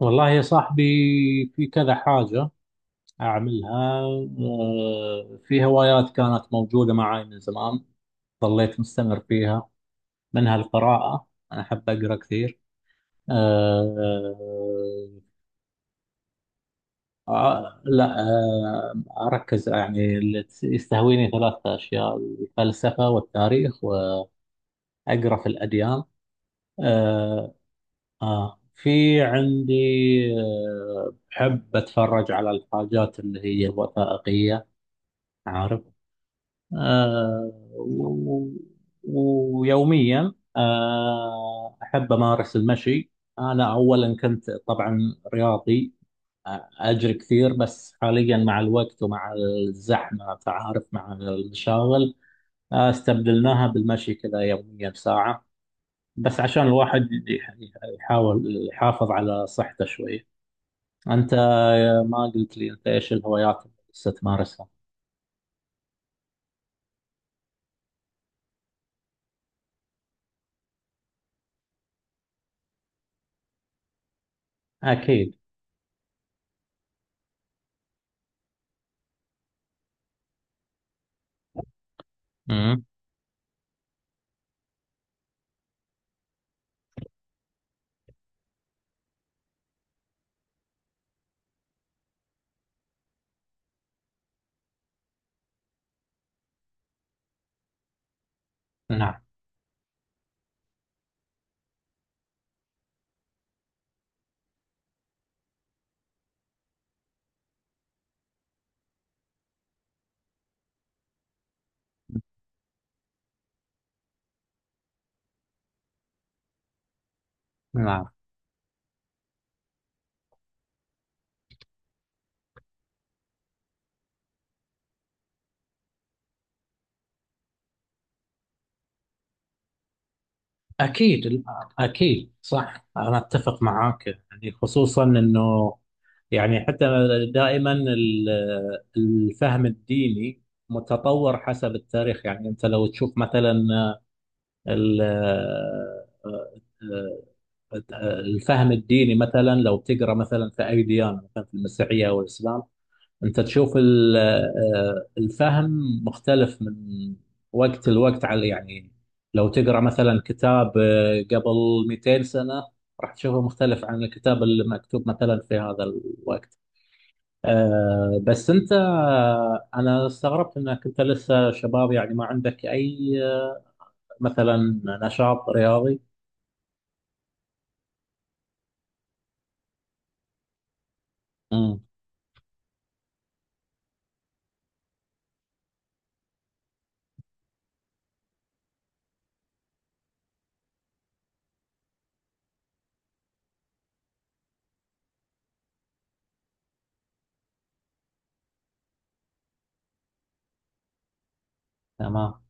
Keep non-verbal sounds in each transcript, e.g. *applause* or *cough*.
والله يا صاحبي، في كذا حاجة أعملها. في هوايات كانت موجودة معي من زمان، ظليت مستمر فيها. منها القراءة، أنا أحب أقرأ كثير. آه، لا، أركز يعني اللي يستهويني 3 أشياء: الفلسفة والتاريخ، وأقرأ في الأديان. آه، في عندي. بحب أتفرج على الحاجات اللي هي الوثائقية، عارف. آه و- ويوميا أحب أمارس المشي. أنا أولا كنت طبعا رياضي، أجري كثير، بس حاليا مع الوقت ومع الزحمة تعارف مع المشاغل، استبدلناها بالمشي كذا، يوميا ساعة، بس عشان الواحد يحاول يحافظ على صحته شوي. أنت ما قلت لي أنت إيش الهوايات اللي لسه تمارسها؟ أكيد. مم. نعم، نعم. أكيد، أكيد، صح، أنا أتفق معاك. يعني خصوصا أنه، يعني حتى، دائما الفهم الديني متطور حسب التاريخ. يعني أنت لو تشوف مثلا ال- الفهم الديني، مثلا لو تقرأ مثلا في أي ديانة، مثلا في المسيحية أو الإسلام، انت تشوف الفهم مختلف من وقت لوقت، على يعني لو تقرا مثلا كتاب قبل 200 سنه، راح تشوفه مختلف عن الكتاب اللي مكتوب مثلا في هذا الوقت. بس انت، انا استغربت انك انت لسه شباب، يعني ما عندك اي آه، مثلا نشاط رياضي. امم. تمام،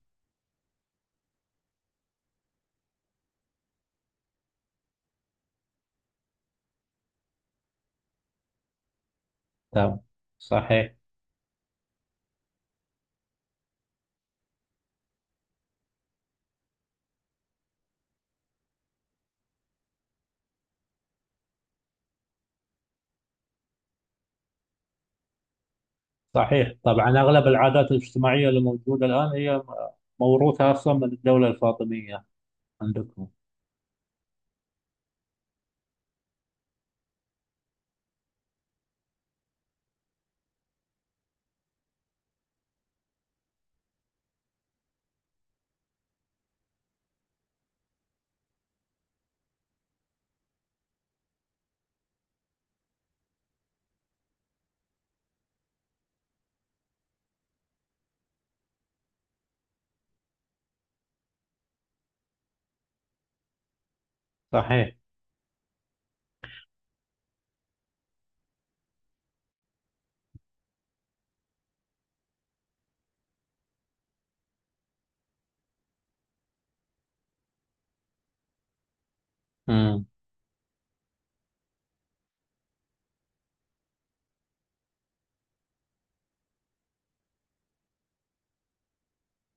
تمام. صحيح. صحيح، طبعا أغلب العادات الاجتماعية اللي موجودة الآن هي موروثة أصلا من الدولة الفاطمية. عندكم. صحيح. امم.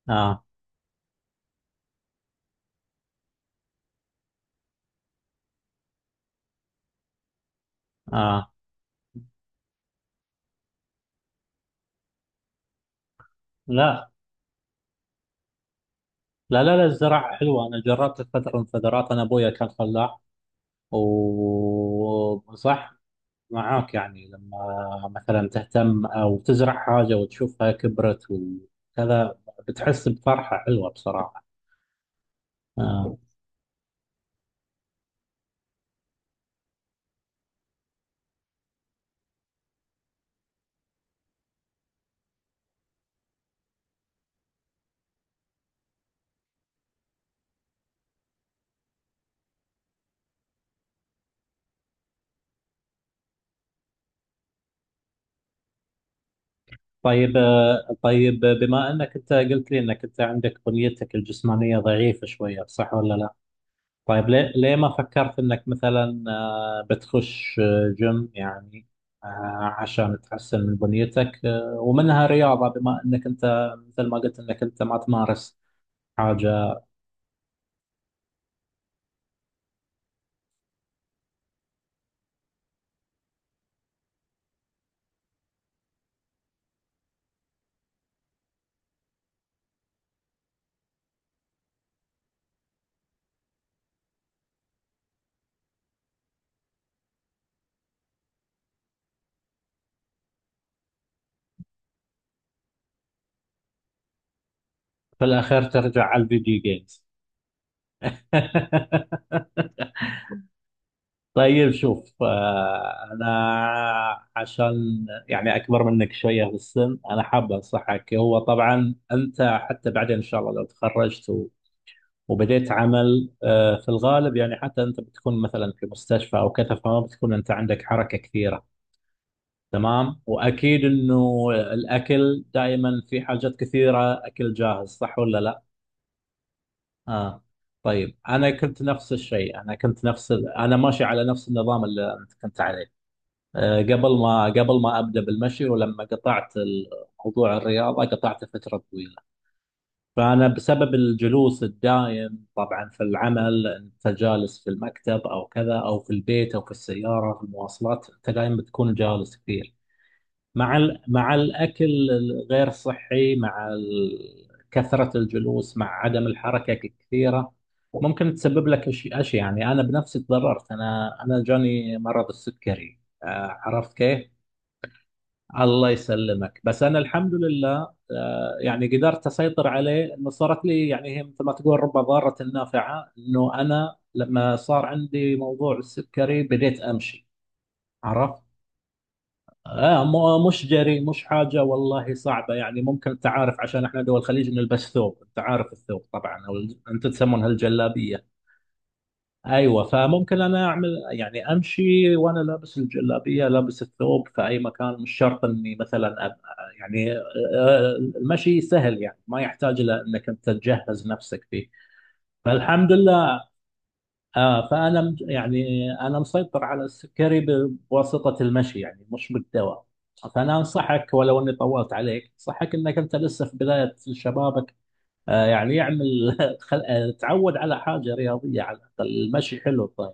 آه. آه. لا، لا، لا، لا، الزراعة حلوة، أنا جربت فترة من الفترات، أنا أبويا كان فلاح، وصح معاك يعني لما مثلا تهتم أو تزرع حاجة وتشوفها كبرت وكذا، بتحس بفرحة حلوة بصراحة. آه. طيب، طيب، بما انك انت قلت لي انك انت عندك بنيتك الجسمانيه ضعيفه شويه، صح ولا لا؟ طيب، ليه ليه ما فكرت انك مثلا بتخش جيم يعني، عشان تحسن من بنيتك، ومنها رياضه، بما انك انت مثل ما قلت انك انت ما تمارس حاجه. في الاخير ترجع على الفيديو جيمز. *laughs* طيب شوف، أنا عشان يعني أكبر منك شوية في السن، أنا حاب أنصحك. هو طبعا أنت حتى بعدين إن شاء الله لو تخرجت وبديت عمل، في الغالب يعني حتى أنت بتكون مثلا في مستشفى أو كذا، فما بتكون أنت عندك حركة كثيرة. تمام. وأكيد إنه الأكل دائما، في حاجات كثيرة أكل جاهز، صح ولا لا؟ آه. طيب أنا كنت نفس الشيء، أنا كنت نفس ال... أنا ماشي على نفس النظام اللي أنت كنت عليه قبل ما ابدا بالمشي، ولما قطعت موضوع الرياضه، قطعته فتره طويله. فانا بسبب الجلوس الدائم طبعا في العمل، انت جالس في المكتب او كذا او في البيت او في السياره في المواصلات، انت دائما بتكون جالس كثير، مع الاكل الغير صحي، مع كثره الجلوس، مع عدم الحركه الكثيره، ممكن تسبب لك اشياء. يعني انا بنفسي تضررت، انا جاني مرض السكري، عرفت كيف؟ الله يسلمك، بس انا الحمد لله يعني قدرت اسيطر عليه، انه صارت لي يعني هي مثل ما تقول رب ضارة نافعة، انه انا لما صار عندي موضوع السكري بديت امشي، عرفت. آه مش جري، مش حاجة والله صعبة يعني. ممكن انت عارف، عشان احنا دول الخليج نلبس ثوب، انت عارف الثوب طبعا، او انتم تسمونها الجلابية. ايوه، فممكن انا اعمل يعني امشي وانا لابس الجلابيه، لابس الثوب في اي مكان، مش شرط اني مثلا يعني، المشي سهل يعني، ما يحتاج الى انك انت تجهز نفسك فيه، فالحمد لله. آه فانا يعني انا مسيطر على السكري بواسطه المشي، يعني مش بالدواء. فانا انصحك ولو اني طولت عليك، انصحك انك انت لسه في بدايه شبابك يعني يعمل *laughs* خل... آه، تعود على حاجه رياضيه، على الاقل المشي حلو. طيب.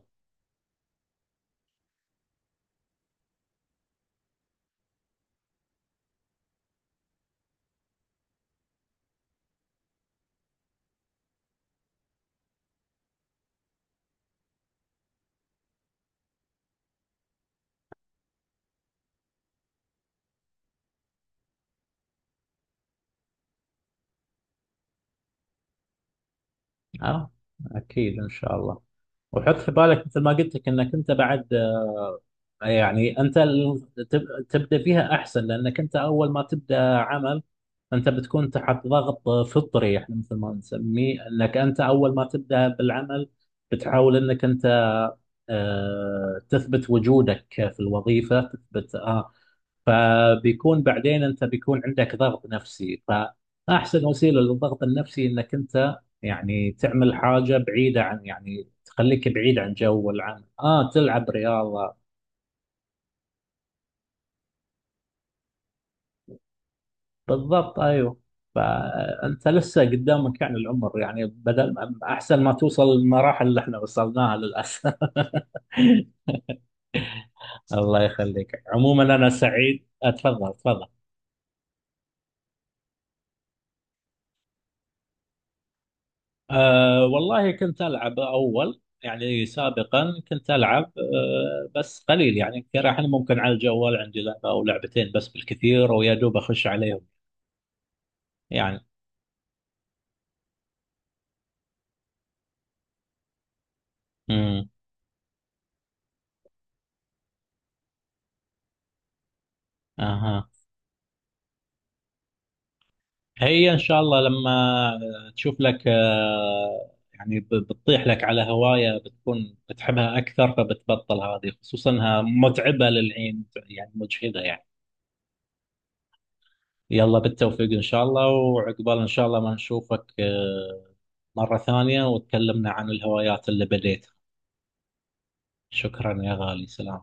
اه اكيد ان شاء الله. وحط في بالك مثل ما قلت لك انك انت بعد، يعني انت تبدا فيها احسن، لانك انت اول ما تبدا عمل انت بتكون تحت ضغط فطري، احنا مثل ما نسميه انك انت اول ما تبدا بالعمل، بتحاول انك انت تثبت وجودك في الوظيفه، تثبت فبيكون بعدين انت بيكون عندك ضغط نفسي. فاحسن وسيله للضغط النفسي انك انت يعني تعمل حاجه بعيده، عن يعني تخليك بعيد عن جو العمل، اه تلعب رياضه. بالضبط ايوه. فانت لسه قدامك يعني العمر، يعني بدل احسن ما توصل للمراحل اللي احنا وصلناها للاسف. *laughs* الله يخليك، عموما انا سعيد، اتفضل تفضل. أه والله كنت ألعب أول يعني سابقا، كنت ألعب أه بس قليل يعني. الحين ممكن على الجوال عندي لعبة أو لعبتين بس بالكثير، ويا دوب أخش عليهم يعني. امم. أها. هي إن شاء الله لما تشوف لك أه يعني بتطيح لك على هواية بتكون بتحبها أكثر، فبتبطل هذه، خصوصا إنها متعبة للعين، يعني مجهدة يعني. يلا بالتوفيق إن شاء الله، وعقبال إن شاء الله ما نشوفك مرة ثانية وتكلمنا عن الهوايات اللي بديتها. شكرا يا غالي، سلام.